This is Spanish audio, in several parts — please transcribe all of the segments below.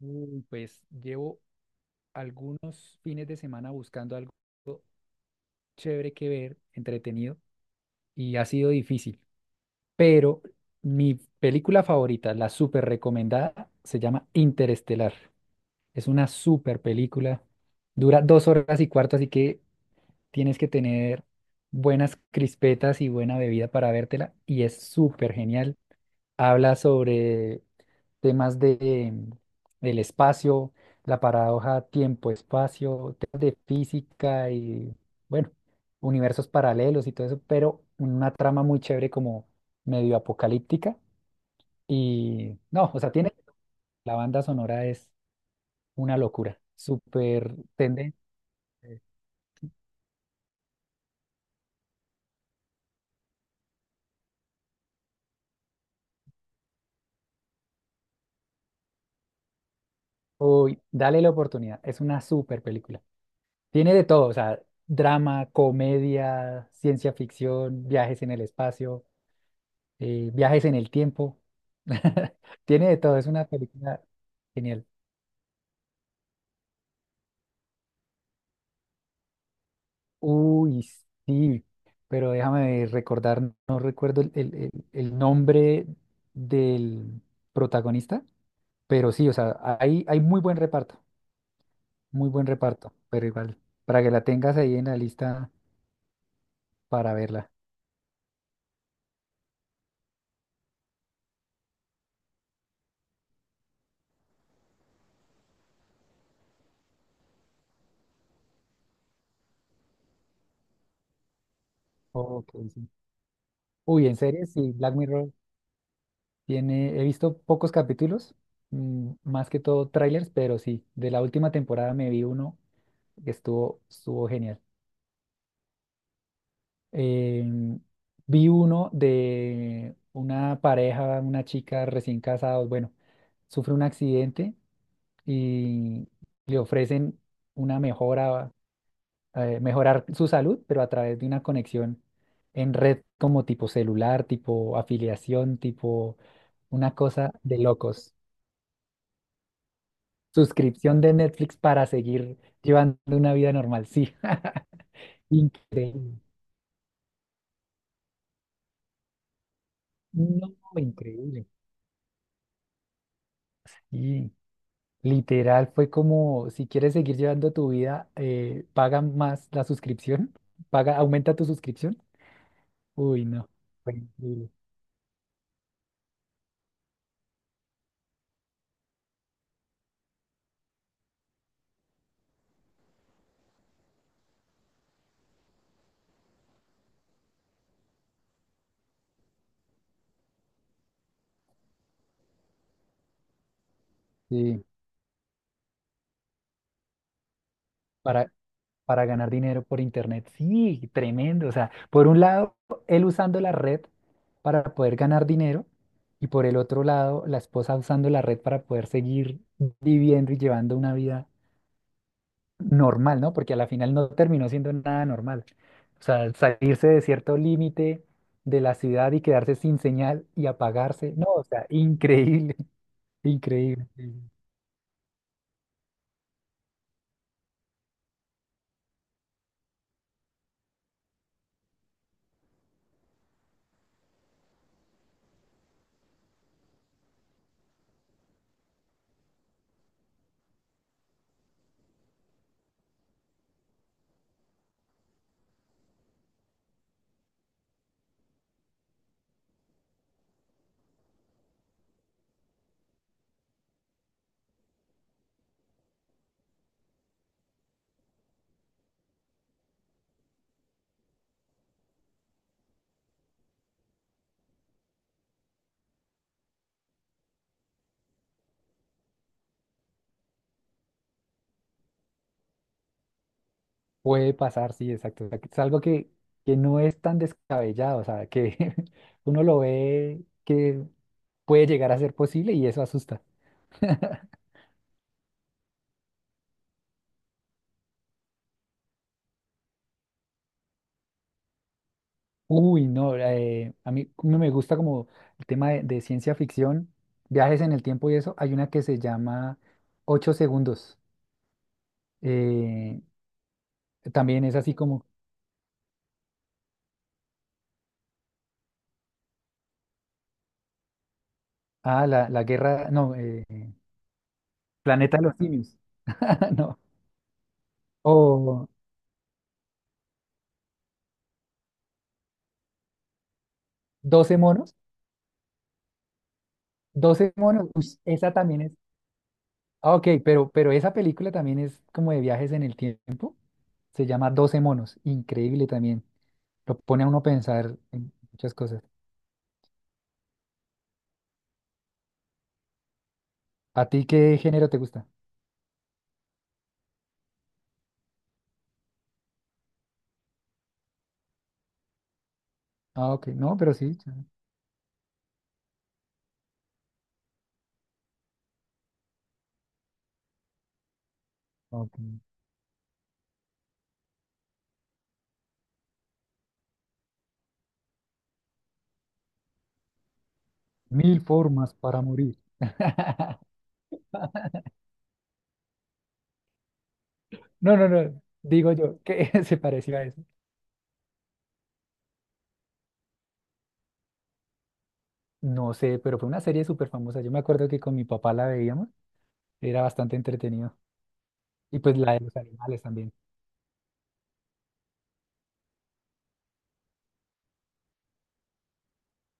Uy, pues llevo algunos fines de semana buscando algo chévere que ver, entretenido, y ha sido difícil. Pero mi película favorita, la súper recomendada, se llama Interestelar. Es una súper película. Dura 2 horas y cuarto, así que tienes que tener buenas crispetas y buena bebida para vértela. Y es súper genial. Habla sobre temas de el espacio, la paradoja tiempo-espacio, temas de física y, bueno, universos paralelos y todo eso, pero una trama muy chévere como medio apocalíptica y, no, o sea, tiene, la banda sonora es una locura, súper tendente. Uy, dale la oportunidad, es una súper película. Tiene de todo, o sea, drama, comedia, ciencia ficción, viajes en el espacio. Viajes en el tiempo. Tiene de todo, es una película genial. Uy, sí, pero déjame recordar, no recuerdo el nombre del protagonista, pero sí, o sea, hay muy buen reparto, pero igual, para que la tengas ahí en la lista para verla. Ok, sí. Uy, en series, sí, Black Mirror tiene, he visto pocos capítulos, más que todo trailers, pero sí, de la última temporada me vi uno que estuvo genial. Em, Vi uno de una pareja, una chica recién casados, bueno, sufre un accidente y le ofrecen una mejora, mejorar su salud, pero a través de una conexión en red como tipo celular, tipo afiliación, tipo una cosa de locos. Suscripción de Netflix para seguir llevando una vida normal, sí. Increíble. No, increíble. Y literal fue como, si quieres seguir llevando tu vida, paga más la suscripción, paga, aumenta tu suscripción. Uy, no. Fue increíble. Sí, para, para ganar dinero por internet. Sí, tremendo. O sea, por un lado, él usando la red para poder ganar dinero y por el otro lado, la esposa usando la red para poder seguir viviendo y llevando una vida normal, ¿no? Porque a la final no terminó siendo nada normal. O sea, salirse de cierto límite de la ciudad y quedarse sin señal y apagarse, no, o sea, increíble, increíble. Increíble. Puede pasar, sí, exacto. O sea, que es algo que no es tan descabellado, o sea, que uno lo ve que puede llegar a ser posible y eso asusta. Uy, no, a mí no me gusta como el tema de ciencia ficción, viajes en el tiempo y eso. Hay una que se llama Ocho Segundos. eh, También es así como, ah, la guerra, no, Planeta de los Simios, no, o Doce monos, Doce monos, uy, esa también es, ah, ok, pero esa película también es como de viajes en el tiempo, se llama Doce monos, increíble también, lo pone a uno a pensar en muchas cosas. ¿A ti qué género te gusta? Ah, ok. No, pero sí. Ya. Ok. Mil formas para morir. No, no, no. Digo yo, que ¿se pareció a eso? No sé, pero fue una serie súper famosa. Yo me acuerdo que con mi papá la veíamos. Era bastante entretenido. Y pues la de los animales también.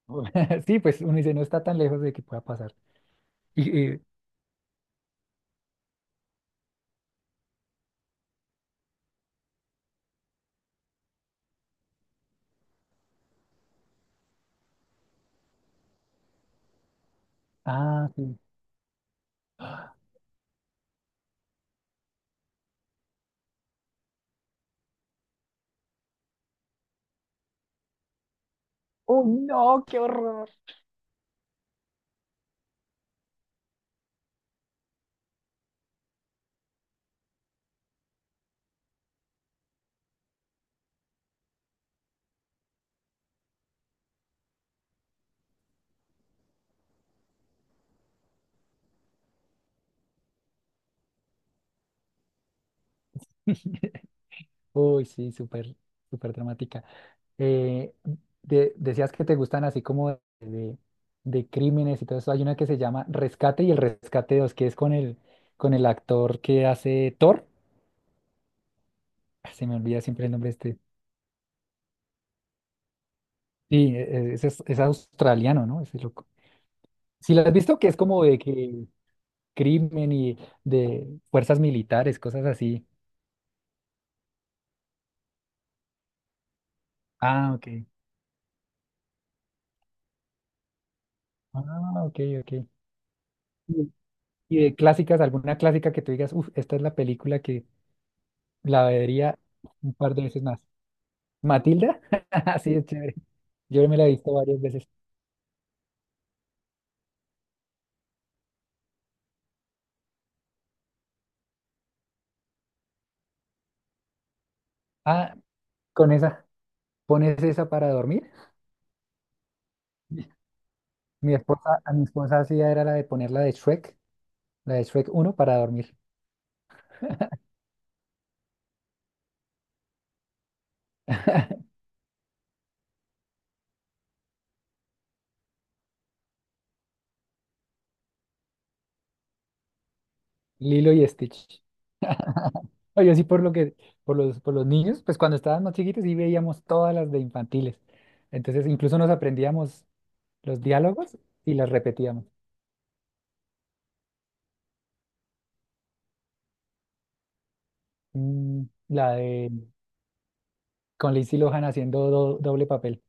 Sí, pues uno dice, no está tan lejos de que pueda pasar. Y, eh, ah, sí. ¡Oh, no! ¡Qué horror! Uy, sí, súper, súper dramática. Eh, Decías que te gustan así como de crímenes y todo eso. Hay una que se llama Rescate y el Rescate 2 que es con con el actor que hace Thor. Ah, se me olvida siempre el nombre de este. Sí, ese es australiano, ¿no? Ese loco. Si lo has visto, que es como de que crimen y de fuerzas militares, cosas así. Ah, ok. Ah, ok, ok. Y y de clásicas, alguna clásica que tú digas, uff, esta es la película la vería un par de veces más. Matilda, sí es chévere. Yo me la he visto varias veces. Ah, con esa, pones esa para dormir. Mi esposa, a mi esposa hacía era la de poner la de Shrek uno para dormir. Lilo y Stitch. No, yo sí por lo por por los niños, pues cuando estaban más chiquitos sí veíamos todas las de infantiles. Entonces incluso nos aprendíamos los diálogos y las repetíamos. La de con Lindsay Lohan haciendo doble papel.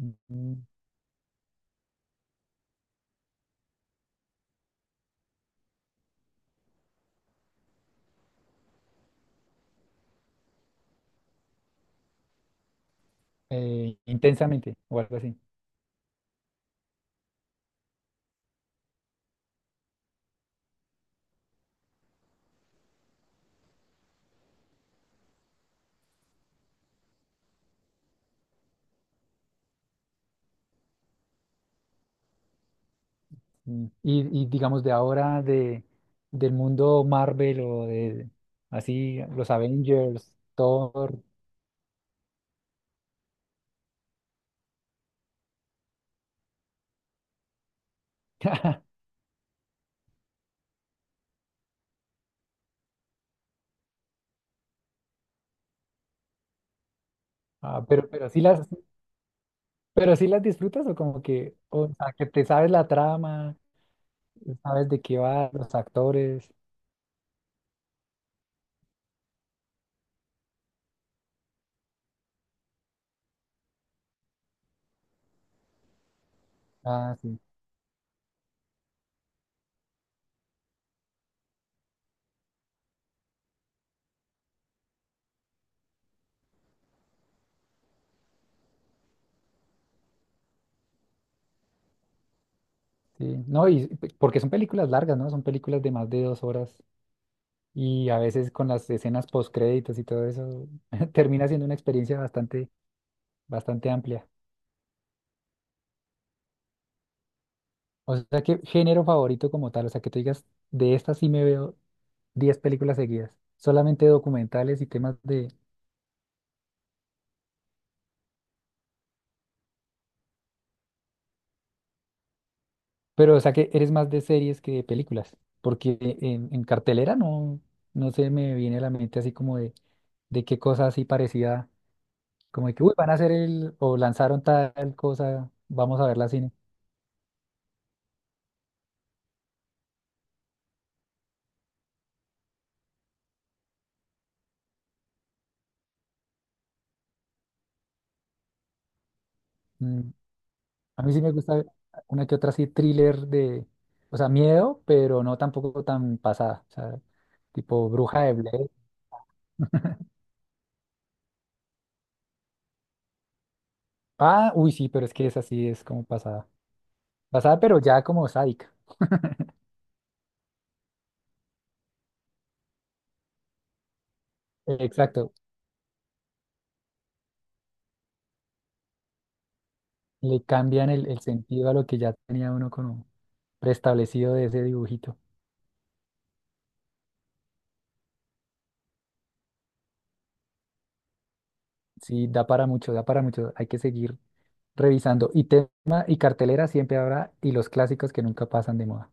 Mm, Intensamente o algo así. Y digamos de ahora del mundo Marvel o de así los Avengers, Thor. Ah, pero sí pero sí las disfrutas o como que, o sea, que te sabes la trama, sabes de qué va, los actores. Ah, sí, sí. No, y porque son películas largas, ¿no? Son películas de más de 2 horas. Y a veces con las escenas post créditos y todo eso, termina siendo una experiencia bastante, bastante amplia. O sea, que género favorito como tal, o sea, que tú digas, de estas sí me veo 10 películas seguidas, solamente documentales y temas de... Pero, o sea, que eres más de series que de películas, porque en cartelera no, no se me viene a la mente así como de qué cosa así parecida, como de que, uy, van a hacer el, o lanzaron tal cosa, vamos a verla al cine. Mm, a mí sí me gusta una que otra así thriller o sea, miedo, pero no tampoco tan pasada, o sea, tipo Bruja de Blair. Ah, uy, sí, pero es que es así, es como pasada. Pasada, pero ya como sádica. Exacto. Le cambian el sentido a lo que ya tenía uno como preestablecido de ese dibujito. Sí, da para mucho, da para mucho. Hay que seguir revisando. Y tema y cartelera siempre habrá, y los clásicos que nunca pasan de moda.